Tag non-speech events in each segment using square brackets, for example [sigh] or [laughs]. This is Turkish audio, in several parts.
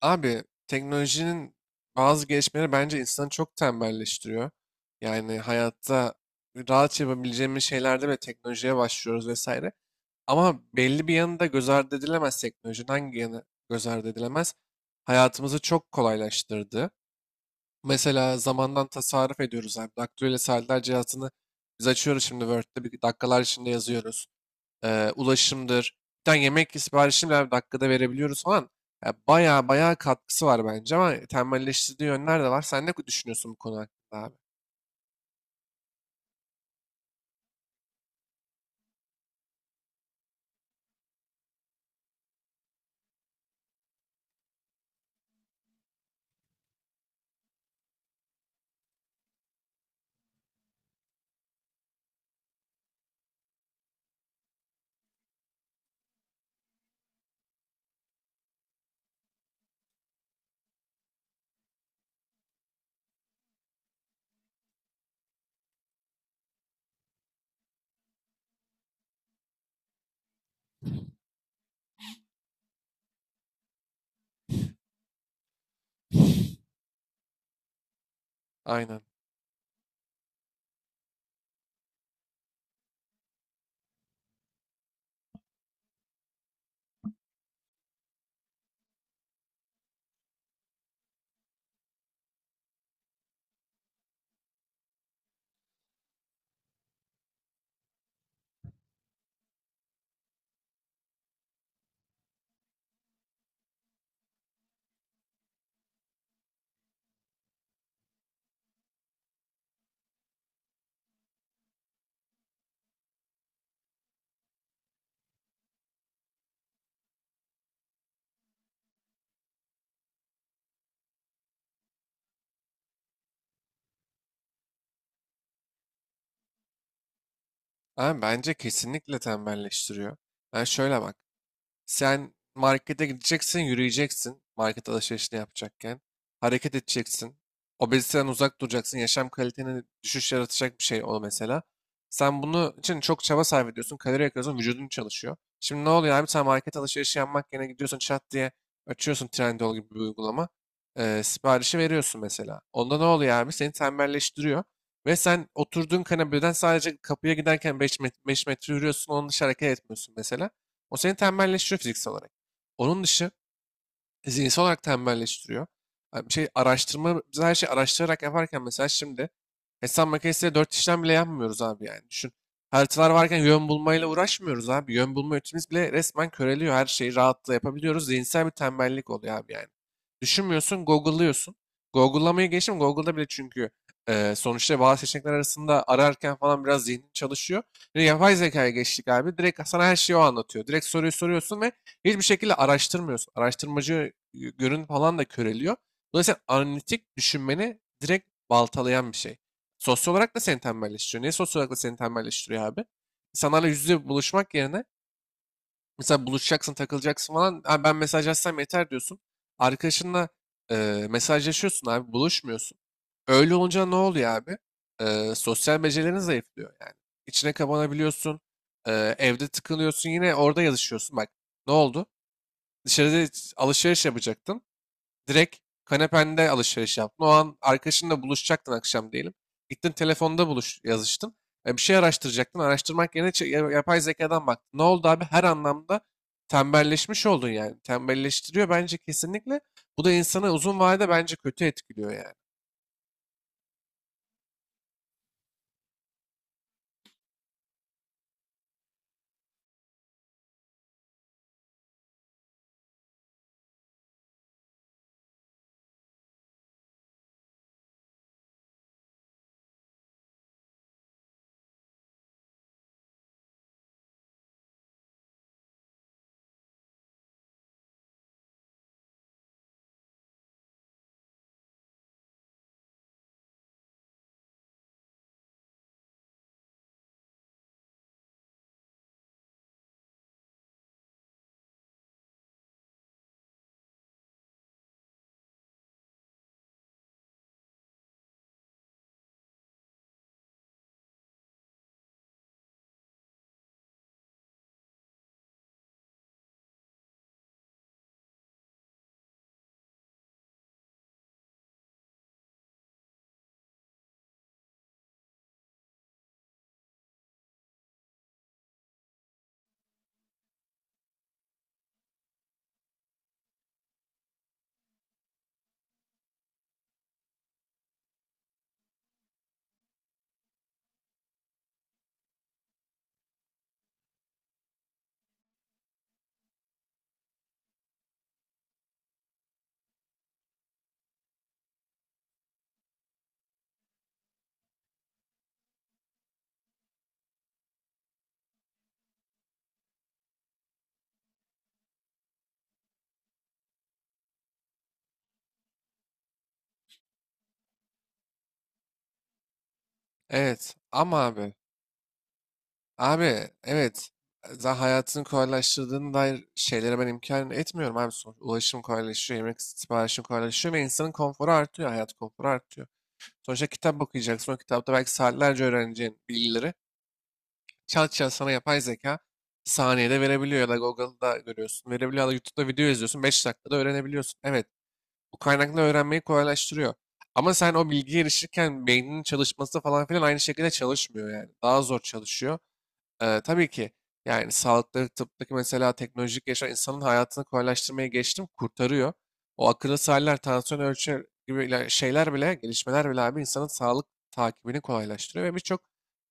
Abi teknolojinin bazı gelişmeleri bence insanı çok tembelleştiriyor. Yani hayatta rahat yapabileceğimiz şeylerde bile teknolojiye başlıyoruz vesaire. Ama belli bir yanı da göz ardı edilemez teknolojinin. Hangi yanı göz ardı edilemez? Hayatımızı çok kolaylaştırdı. Mesela zamandan tasarruf ediyoruz abi. Daktilo ile saatler cihazını biz açıyoruz, şimdi Word'de bir dakikalar içinde yazıyoruz ulaşımdır. Bir tane yemek siparişini bile dakikada verebiliyoruz falan. Ya bayağı bayağı katkısı var bence, ama tembelleştirdiği yönler de var. Sen ne düşünüyorsun bu konu hakkında abi? [laughs] Aynen. Abi bence kesinlikle tembelleştiriyor. Yani şöyle bak. Sen markete gideceksin, yürüyeceksin. Market alışverişini yapacakken. Hareket edeceksin. Obeziteden uzak duracaksın. Yaşam kaliteni düşüş yaratacak bir şey o mesela. Sen bunu için çok çaba sarf ediyorsun. Kalori yakıyorsun. Vücudun çalışıyor. Şimdi ne oluyor abi? Sen market alışverişi yapmak yerine gidiyorsun, çat diye açıyorsun Trendyol gibi bir uygulama. Siparişi veriyorsun mesela. Onda ne oluyor abi? Seni tembelleştiriyor. Ve sen oturduğun kanepeden sadece kapıya giderken 5 metre yürüyorsun. Onun dışı hareket etmiyorsun mesela. O seni tembelleştiriyor fiziksel olarak. Onun dışı zihinsel olarak tembelleştiriyor. Ha, bir şey araştırma, biz her şeyi araştırarak yaparken mesela şimdi hesap makinesiyle dört işlem bile yapmıyoruz abi yani. Düşün. Haritalar varken yön bulmayla uğraşmıyoruz abi. Yön bulma yetimiz bile resmen köreliyor. Her şeyi rahatla yapabiliyoruz. Zihinsel bir tembellik oluyor abi yani. Düşünmüyorsun, Google'lıyorsun. Google'lamayı geçtim. Google'da bile, çünkü sonuçta bazı seçenekler arasında ararken falan biraz zihnin çalışıyor. Bir de yapay zekaya geçtik abi. Direkt sana her şeyi o anlatıyor. Direkt soruyu soruyorsun ve hiçbir şekilde araştırmıyorsun. Araştırmacı görün falan da köreliyor. Dolayısıyla analitik düşünmeni direkt baltalayan bir şey. Sosyal olarak da seni tembelleştiriyor. Niye sosyal olarak da seni tembelleştiriyor abi? İnsanlarla yüz yüze buluşmak yerine mesela buluşacaksın, takılacaksın falan. "Ha, ben mesajlaşsam yeter" diyorsun. Arkadaşınla mesajlaşıyorsun abi, buluşmuyorsun. Öyle olunca ne oluyor abi? Sosyal becerilerin zayıflıyor yani. İçine kapanabiliyorsun. Evde tıkılıyorsun. Yine orada yazışıyorsun. Bak, ne oldu? Dışarıda alışveriş yapacaktın. Direkt kanepende alışveriş yaptın. O an arkadaşınla buluşacaktın akşam diyelim. Gittin telefonda buluş yazıştın. Bir şey araştıracaktın. Araştırmak yerine yapay zekadan baktın. Ne oldu abi? Her anlamda tembelleşmiş oldun yani. Tembelleştiriyor bence kesinlikle. Bu da insanı uzun vadede bence kötü etkiliyor yani. Evet, ama abi, abi evet, zaten hayatını kolaylaştırdığına dair şeylere ben imkan etmiyorum abi, sonuç. Ulaşım kolaylaşıyor, yemek siparişim kolaylaşıyor ve insanın konforu artıyor, hayat konforu artıyor. Sonuçta kitap okuyacaksın, o kitapta belki saatlerce öğreneceğin bilgileri çat çat sana yapay zeka saniyede verebiliyor ya da Google'da görüyorsun, verebiliyor ya da YouTube'da video izliyorsun, 5 dakikada öğrenebiliyorsun. Evet, bu kaynakla öğrenmeyi kolaylaştırıyor. Ama sen o bilgiye erişirken beyninin çalışması falan filan aynı şekilde çalışmıyor yani. Daha zor çalışıyor. Tabii ki yani sağlıkta, tıptaki mesela teknolojik yaşam insanın hayatını kolaylaştırmaya geçtim, kurtarıyor. O akıllı saatler, tansiyon ölçer gibi şeyler bile, gelişmeler bile abi insanın sağlık takibini kolaylaştırıyor ve birçok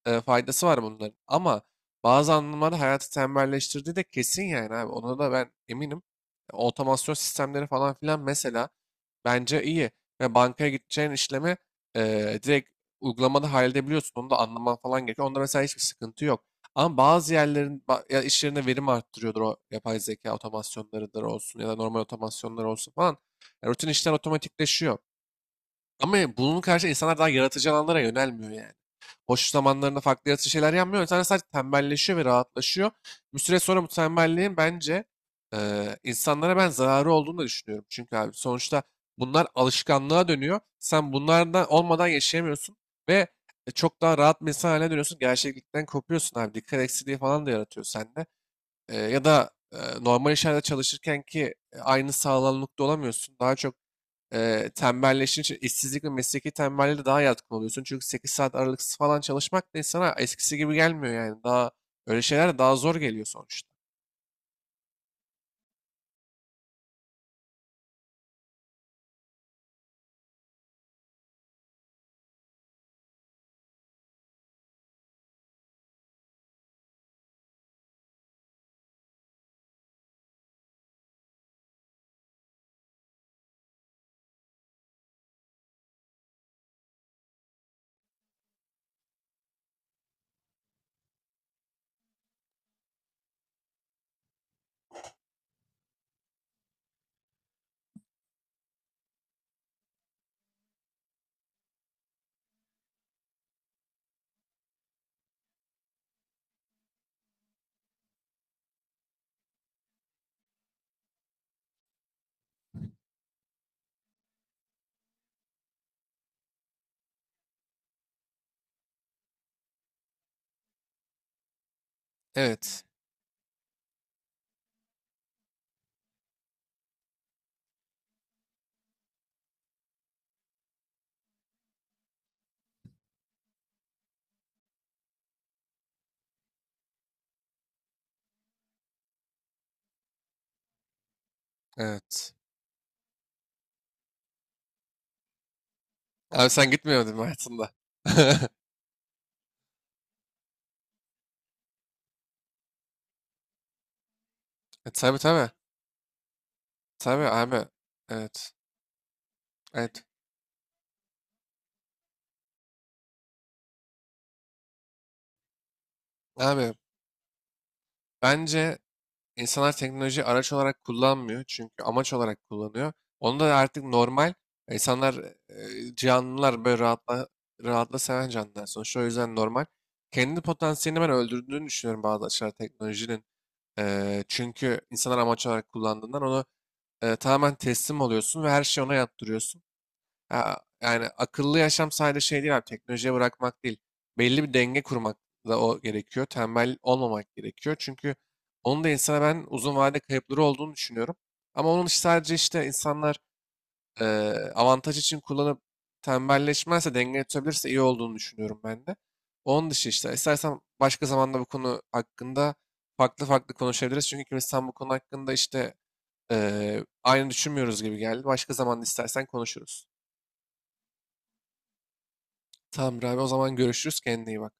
faydası var bunların. Ama bazı anlamlarda hayatı tembelleştirdiği de kesin yani abi. Ona da ben eminim. Otomasyon sistemleri falan filan mesela. Bence iyi. Ve bankaya gideceğin işlemi direkt uygulamada halledebiliyorsun. Onu da anlaman falan gerekiyor. Onda mesela hiçbir sıkıntı yok. Ama bazı yerlerin ya iş yerine verim arttırıyordur, o yapay zeka otomasyonlarıdır olsun ya da normal otomasyonlar olsun falan. Yani rutin işler otomatikleşiyor. Ama bunun karşı insanlar daha yaratıcı alanlara yönelmiyor yani. Boş zamanlarında farklı yaratıcı şeyler yapmıyor. İnsanlar sadece tembelleşiyor ve rahatlaşıyor. Bir süre sonra bu tembelliğin bence insanlara ben zararı olduğunu da düşünüyorum. Çünkü abi sonuçta bunlar alışkanlığa dönüyor. Sen bunlardan olmadan yaşayamıyorsun ve çok daha rahat bir insan haline dönüyorsun. Gerçeklikten kopuyorsun abi. Dikkat eksikliği falan da yaratıyor sende. Ya da normal işlerde çalışırken ki aynı sağlamlıkta olamıyorsun. Daha çok tembelleşince işte işsizlik ve mesleki tembelliğe de daha yatkın oluyorsun. Çünkü 8 saat aralıksız falan çalışmak da insana eskisi gibi gelmiyor yani. Daha öyle şeyler de daha zor geliyor sonuçta. Evet. Evet. Abi sen gitmiyordun hayatında. [laughs] Tabii tabii. Tabii abi. Evet. Evet. Abi bence İnsanlar teknolojiyi araç olarak kullanmıyor, çünkü amaç olarak kullanıyor. Onu da artık normal insanlar, canlılar böyle rahatla seven canlılar sonuçta, o yüzden normal. Kendi potansiyelini ben öldürdüğünü düşünüyorum bazı açılar teknolojinin. Çünkü insanlar amaç olarak kullandığından onu tamamen teslim oluyorsun ve her şeyi ona yaptırıyorsun. Ha, yani akıllı yaşam sadece şey değil abi, teknolojiye bırakmak değil. Belli bir denge kurmak da o gerekiyor. Tembel olmamak gerekiyor. Çünkü onun da insana ben uzun vade kayıpları olduğunu düşünüyorum. Ama onun işte sadece işte insanlar e, avantaj için kullanıp tembelleşmezse, denge tutabilirse iyi olduğunu düşünüyorum ben de. Onun dışı işte istersen başka zamanda bu konu hakkında farklı farklı konuşabiliriz. Çünkü ikimiz tam bu konu hakkında işte aynı düşünmüyoruz gibi geldi. Başka zaman istersen konuşuruz. Tamamdır abi, o zaman görüşürüz. Kendine iyi bak.